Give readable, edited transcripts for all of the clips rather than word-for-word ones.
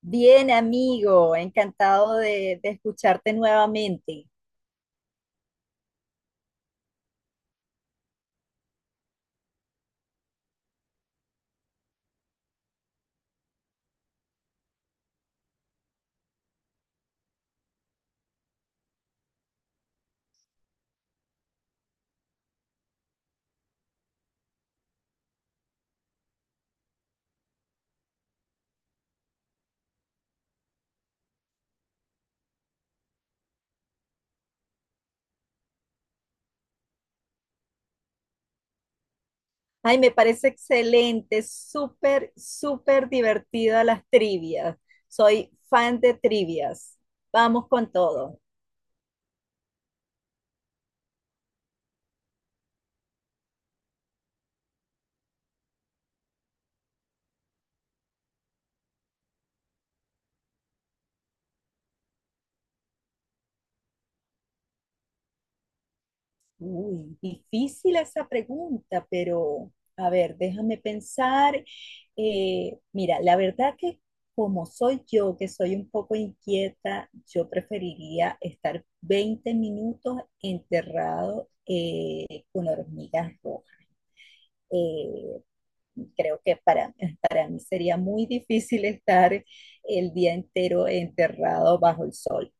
Bien, amigo, encantado de escucharte nuevamente. Ay, me parece excelente, súper, súper divertida las trivias. Soy fan de trivias. Vamos con todo. Uy, difícil esa pregunta, pero a ver, déjame pensar. Mira, la verdad que como soy yo, que soy un poco inquieta, yo preferiría estar 20 minutos enterrado con hormigas rojas. Eh, creo que para mí sería muy difícil estar el día entero enterrado bajo el sol.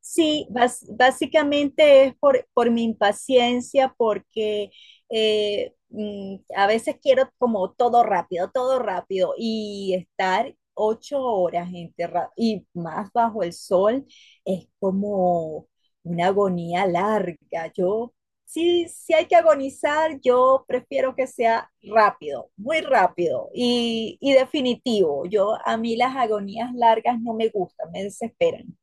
Sí, básicamente es por mi impaciencia, porque a veces quiero como todo rápido, y estar 8 horas enterrado y más bajo el sol es como una agonía larga. Yo, sí, si hay que agonizar, yo prefiero que sea rápido, muy rápido y definitivo. Yo, a mí las agonías largas no me gustan, me desesperan.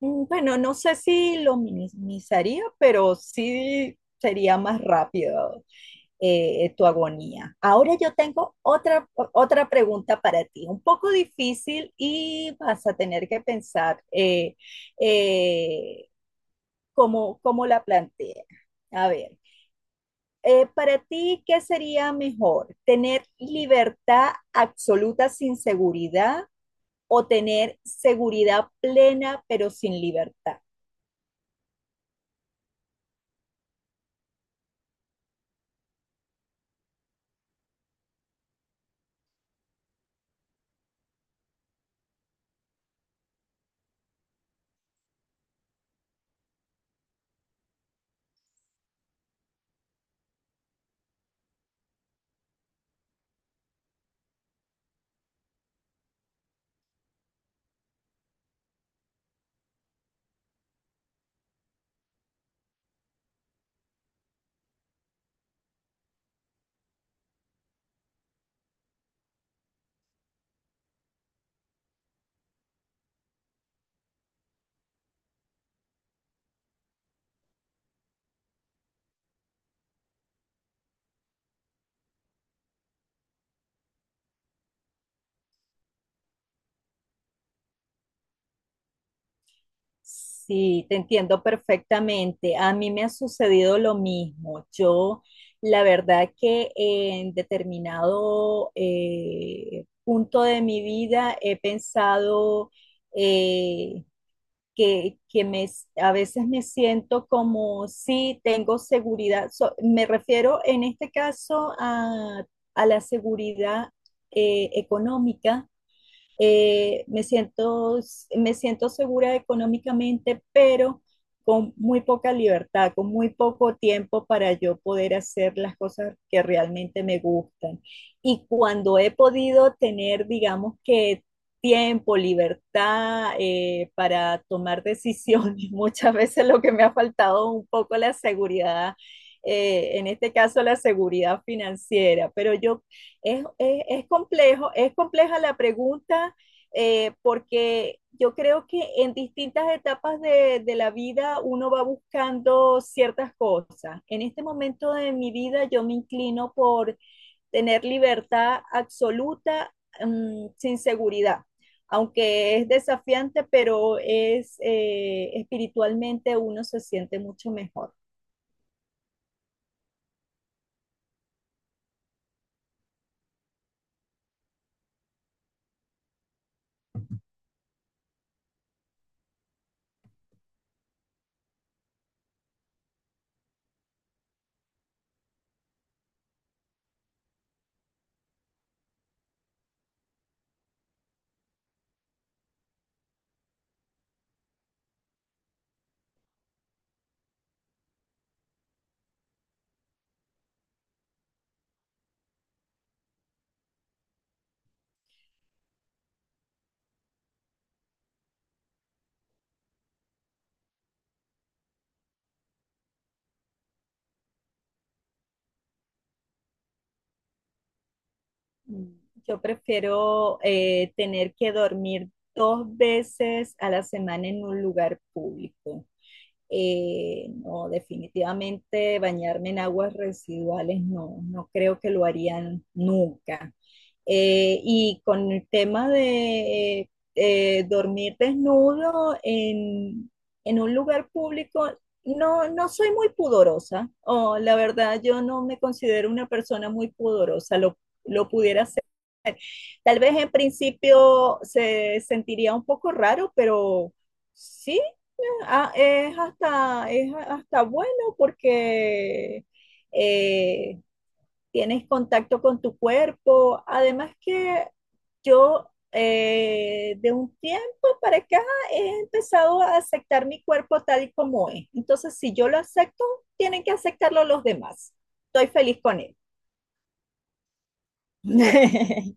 Mm, bueno, no sé si lo minimizaría, pero sí sería más rápido tu agonía. Ahora yo tengo otra pregunta para ti, un poco difícil y vas a tener que pensar eh, cómo la plantea. A ver, para ti, ¿qué sería mejor? ¿Tener libertad absoluta sin seguridad o tener seguridad plena pero sin libertad? Sí, te entiendo perfectamente. A mí me ha sucedido lo mismo. Yo, la verdad que en determinado punto de mi vida he pensado eh, que a veces me siento como si tengo seguridad. Me refiero en este caso a la seguridad económica, eh, me siento, me siento segura económicamente, pero con muy poca libertad, con muy poco tiempo para yo poder hacer las cosas que realmente me gustan. Y cuando he podido tener, digamos que tiempo, libertad para tomar decisiones, muchas veces lo que me ha faltado un poco la seguridad en este caso la seguridad financiera, pero yo es complejo, es compleja la pregunta porque yo creo que en distintas etapas de la vida uno va buscando ciertas cosas. En este momento de mi vida yo me inclino por tener libertad absoluta sin seguridad, aunque es desafiante, pero es espiritualmente uno se siente mucho mejor. Mm, yo prefiero tener que dormir dos veces a la semana en un lugar público. No, definitivamente bañarme en aguas residuales no, no creo que lo harían nunca. Y con el tema de dormir desnudo en un lugar público, no, no soy muy pudorosa. Oh, la verdad, yo no me considero una persona muy pudorosa. Lo pudiera. Tal vez en principio se sentiría un poco raro, pero sí, ah, es hasta bueno porque eh, tienes contacto con tu cuerpo. Además que yo de un tiempo para acá he empezado a aceptar mi cuerpo tal y como es. Entonces, si yo lo acepto, tienen que aceptarlo los demás. Estoy feliz con él.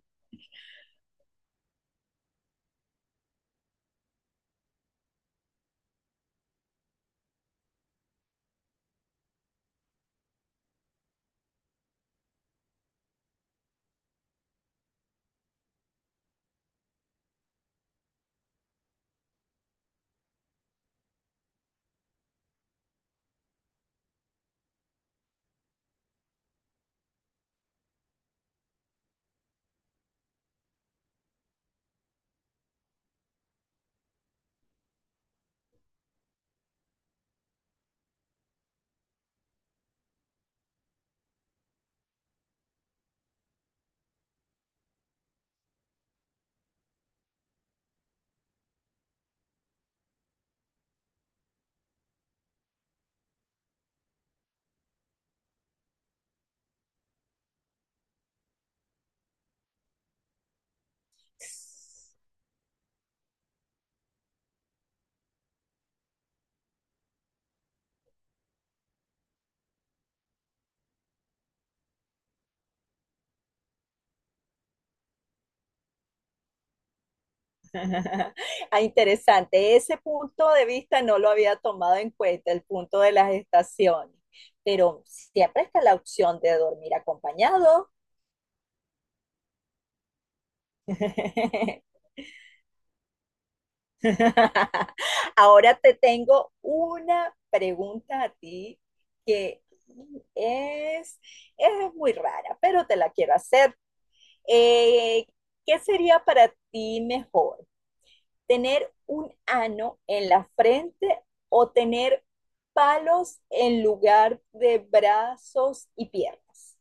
Ah, interesante. Ese punto de vista no lo había tomado en cuenta, el punto de las estaciones, pero siempre está la opción de dormir acompañado. Ahora te tengo una pregunta a ti que es, es muy rara, pero te la quiero hacer. Eh, ¿Qué sería para ti mejor? ¿Tener un ano en la frente o tener palos en lugar de brazos y piernas?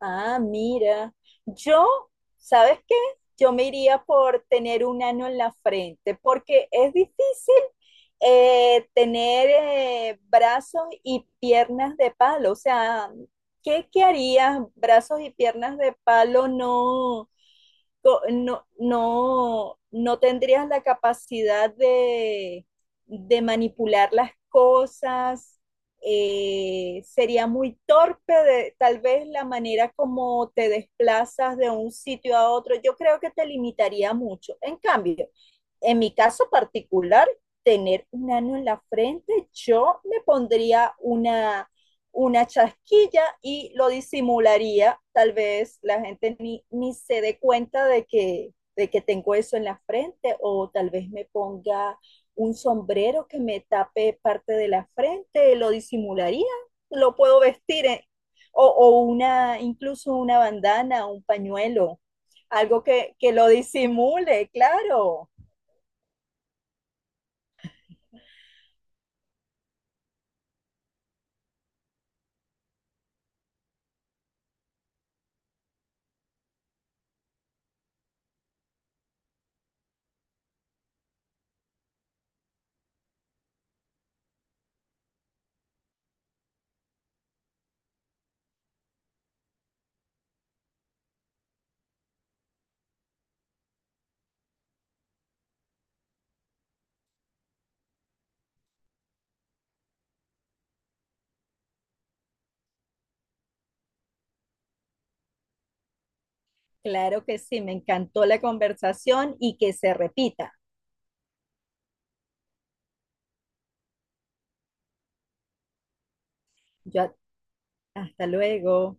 Ah, mira, yo, ¿sabes qué? Yo me iría por tener un ano en la frente porque es difícil tener brazos y piernas de palo. O sea, ¿qué harías? Brazos y piernas de palo, no tendrías la capacidad de manipular las cosas, sería muy torpe de, tal vez la manera como te desplazas de un sitio a otro, yo creo que te limitaría mucho. En cambio, en mi caso particular, tener un ano en la frente, yo me pondría una chasquilla y lo disimularía. Tal vez la gente ni se dé cuenta de de que tengo eso en la frente, o tal vez me ponga un sombrero que me tape parte de la frente, lo disimularía, lo puedo vestir en, incluso una bandana, un pañuelo, algo que lo disimule, claro. Claro que sí, me encantó la conversación y que se repita. Yo, hasta luego.